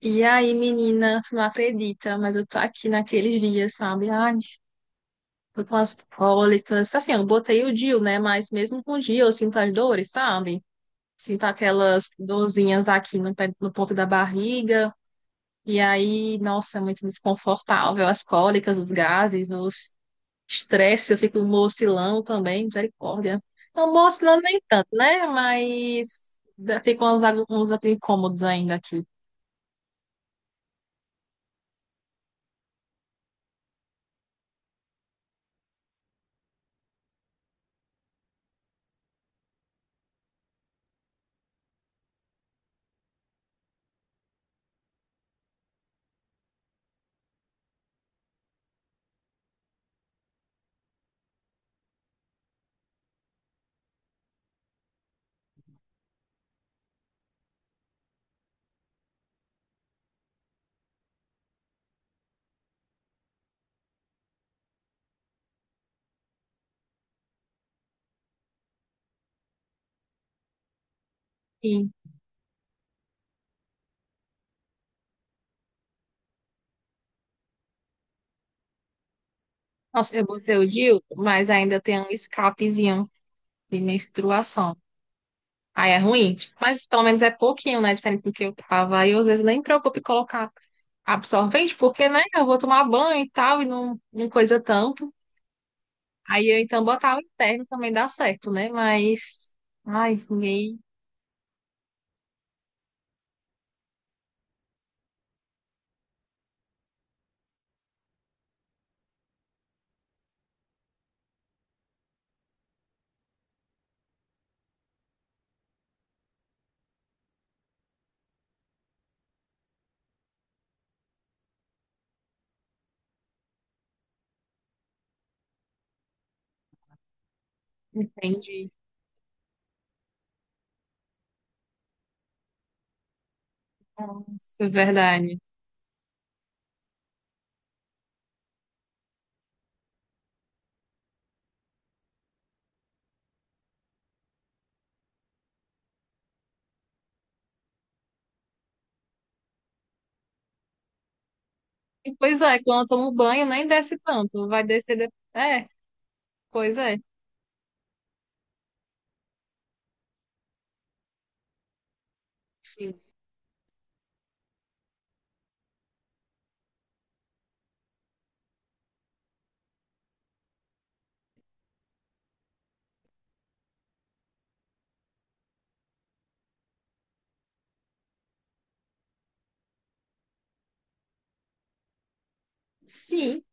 E aí, menina, tu não acredita, mas eu tô aqui naqueles dias, sabe? Ai, tô com as cólicas. Assim, eu botei o DIU, né? Mas mesmo com o DIU, eu sinto as dores, sabe? Sinto aquelas dorzinhas aqui no, no ponto da barriga. E aí, nossa, é muito desconfortável. As cólicas, os gases, os estresse, eu fico mocilão também, misericórdia. Não, mocilão nem tanto, né? Mas fica uns, uns incômodos ainda aqui. Nossa, eu botei o DIU, mas ainda tem um escapezinho de menstruação. Aí é ruim, tipo, mas pelo menos é pouquinho, né? Diferente do que eu tava. Aí eu às vezes nem me preocupo em colocar absorvente, porque, né? Eu vou tomar banho e tal, e não coisa tanto. Aí eu então botar o interno também dá certo, né? Mas, ai, ninguém entende. Nossa, é verdade. E, pois é, quando eu tomo banho nem desce tanto, vai descer depois. É, pois é. Sim. Sim.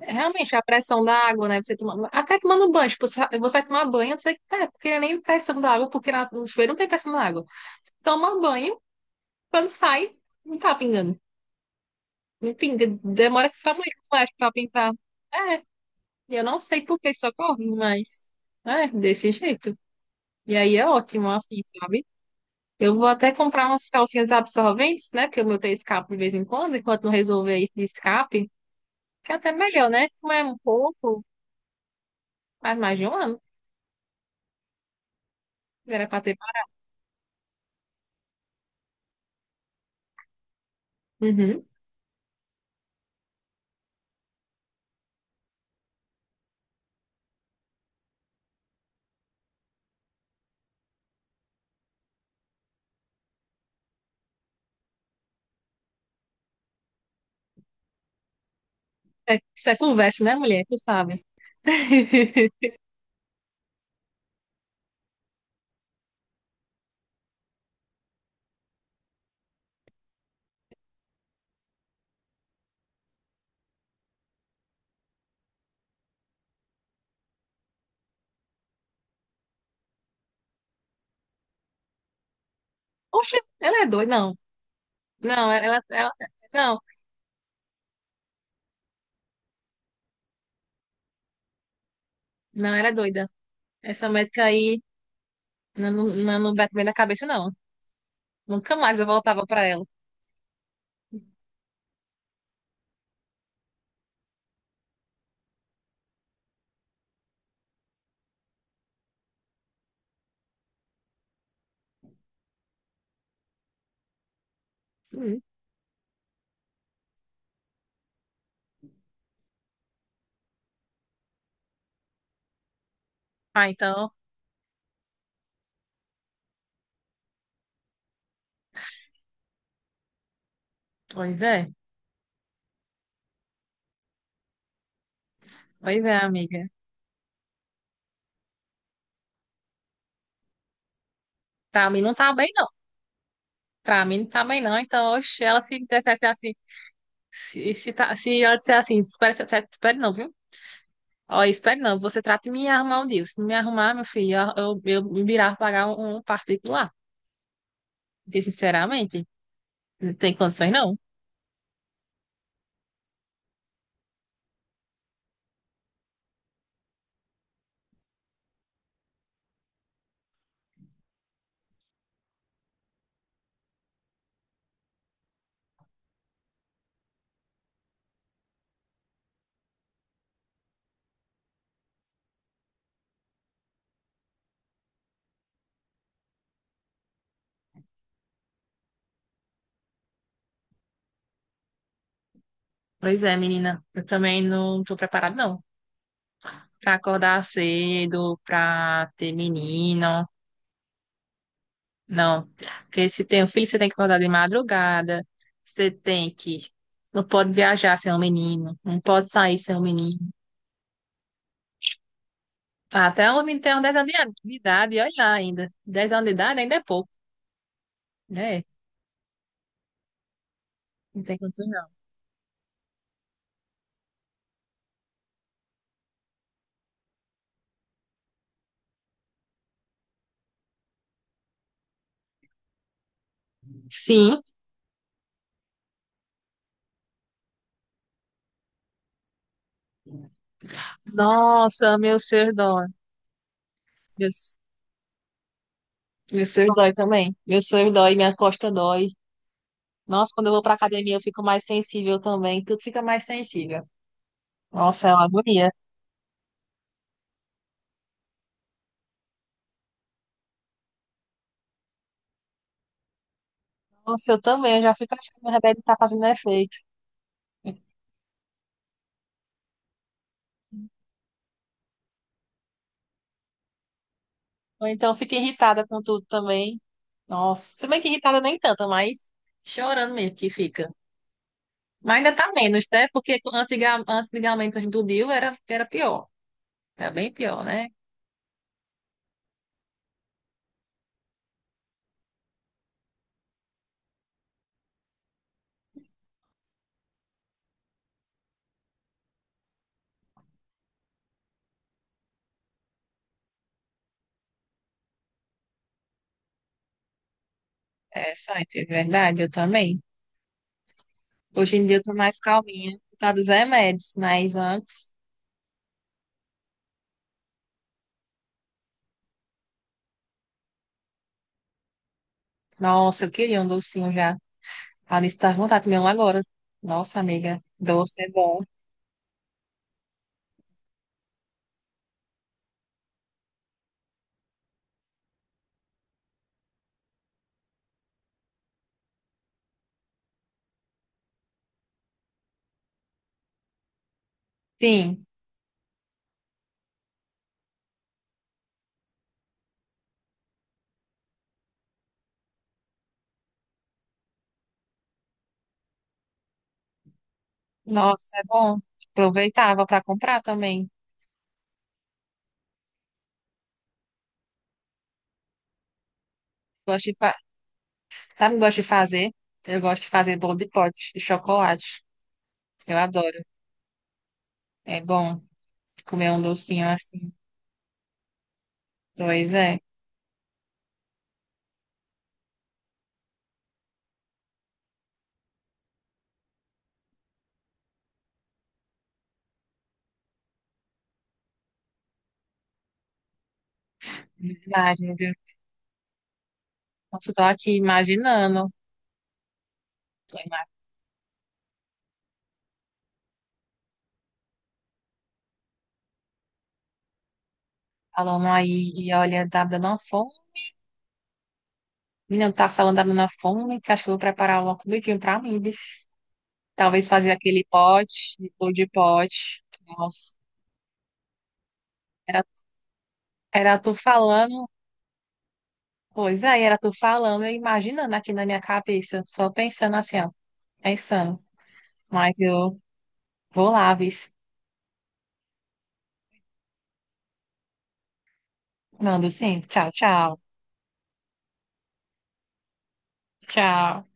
É, realmente, a pressão da água, né? Você toma... Até tomando banho, tipo, você vai tomar banho, você é, porque nem pressão da água, porque no chuveiro não tem pressão da água. Você toma banho, quando sai, não tá pingando. Não pinga. Demora que sua mãe mexe pra pintar. É, eu não sei por que isso ocorre, mas é desse jeito. E aí é ótimo, assim, sabe? Eu vou até comprar umas calcinhas absorventes, né? Porque o meu tem escape de vez em quando, enquanto não resolver isso de escape, que é até melhor, né? Como é um pouco, faz mais de um ano. Era para ter. Uhum. Isso é conversa, né, mulher? Tu sabe. Oxe, ela é doida. Não, não, ela, ela, não, não, ela é doida. Essa médica aí não, não, não bate bem na cabeça, não. Nunca mais eu voltava pra ela. Uhum. Ah, então, pois é, pois é, amiga. Pra mim não tá bem, não. Pra mim não tá bem, não. Então, oxe, ela se dissesse assim, se, se ela disser assim, espere, espere, espere não, viu? Ó, espere não, você trata de me arrumar um dia. Se não me arrumar, meu filho, eu me virar pra pagar um particular. Porque, sinceramente, não tem condições, não. Pois é, menina. Eu também não tô preparada, não. Pra acordar cedo, pra ter menino. Não. Porque se tem um filho, você tem que acordar de madrugada. Você tem que. Não pode viajar sem um menino. Não pode sair sem um menino. Até um menino tem uns 10 anos de idade, e olha lá ainda. Dez anos de idade ainda é pouco, né? Não tem condições, não. Sim. Nossa, meu ser dói. Meu, meu ser dói também. Meu ser dói, minha costa dói. Nossa, quando eu vou pra academia eu fico mais sensível também. Tudo fica mais sensível. Nossa, é uma agonia. Nossa, eu também. Eu já fico achando que o remédio tá fazendo efeito. Ou então fico irritada com tudo também. Nossa, se bem que irritada nem tanto, mas chorando mesmo que fica. Mas ainda tá menos, né? Porque antigamente, quando do DIU era, era pior. Era bem pior, né? É, site, é verdade, eu também. Hoje em dia eu tô mais calminha por causa dos remédios, mas antes, nossa, eu queria um docinho já. A Alice tá com vontade de comer um agora. Nossa, amiga, doce é bom. Sim, nossa, é bom. Aproveitava para comprar também. Gosto de, fa- sabe o que eu gosto de fazer? Eu gosto de fazer bolo de pote de chocolate. Eu adoro. É bom comer um docinho assim. Pois é, verdade, viu? Nossa, eu tô aqui imaginando. Tô ima- falando aí e olha, tá me dando uma fome. Menina, tá falando da dando uma fome, que acho que eu vou preparar uma comidinha pra mim, bis. Talvez fazer aquele pote, de bolo de pote. Nossa. Era, era tu falando, pois aí era tu falando, eu imaginando aqui na minha cabeça, só pensando assim, ó, pensando. Mas eu vou lá, vis. Mando sim. Tchau, tchau. Tchau.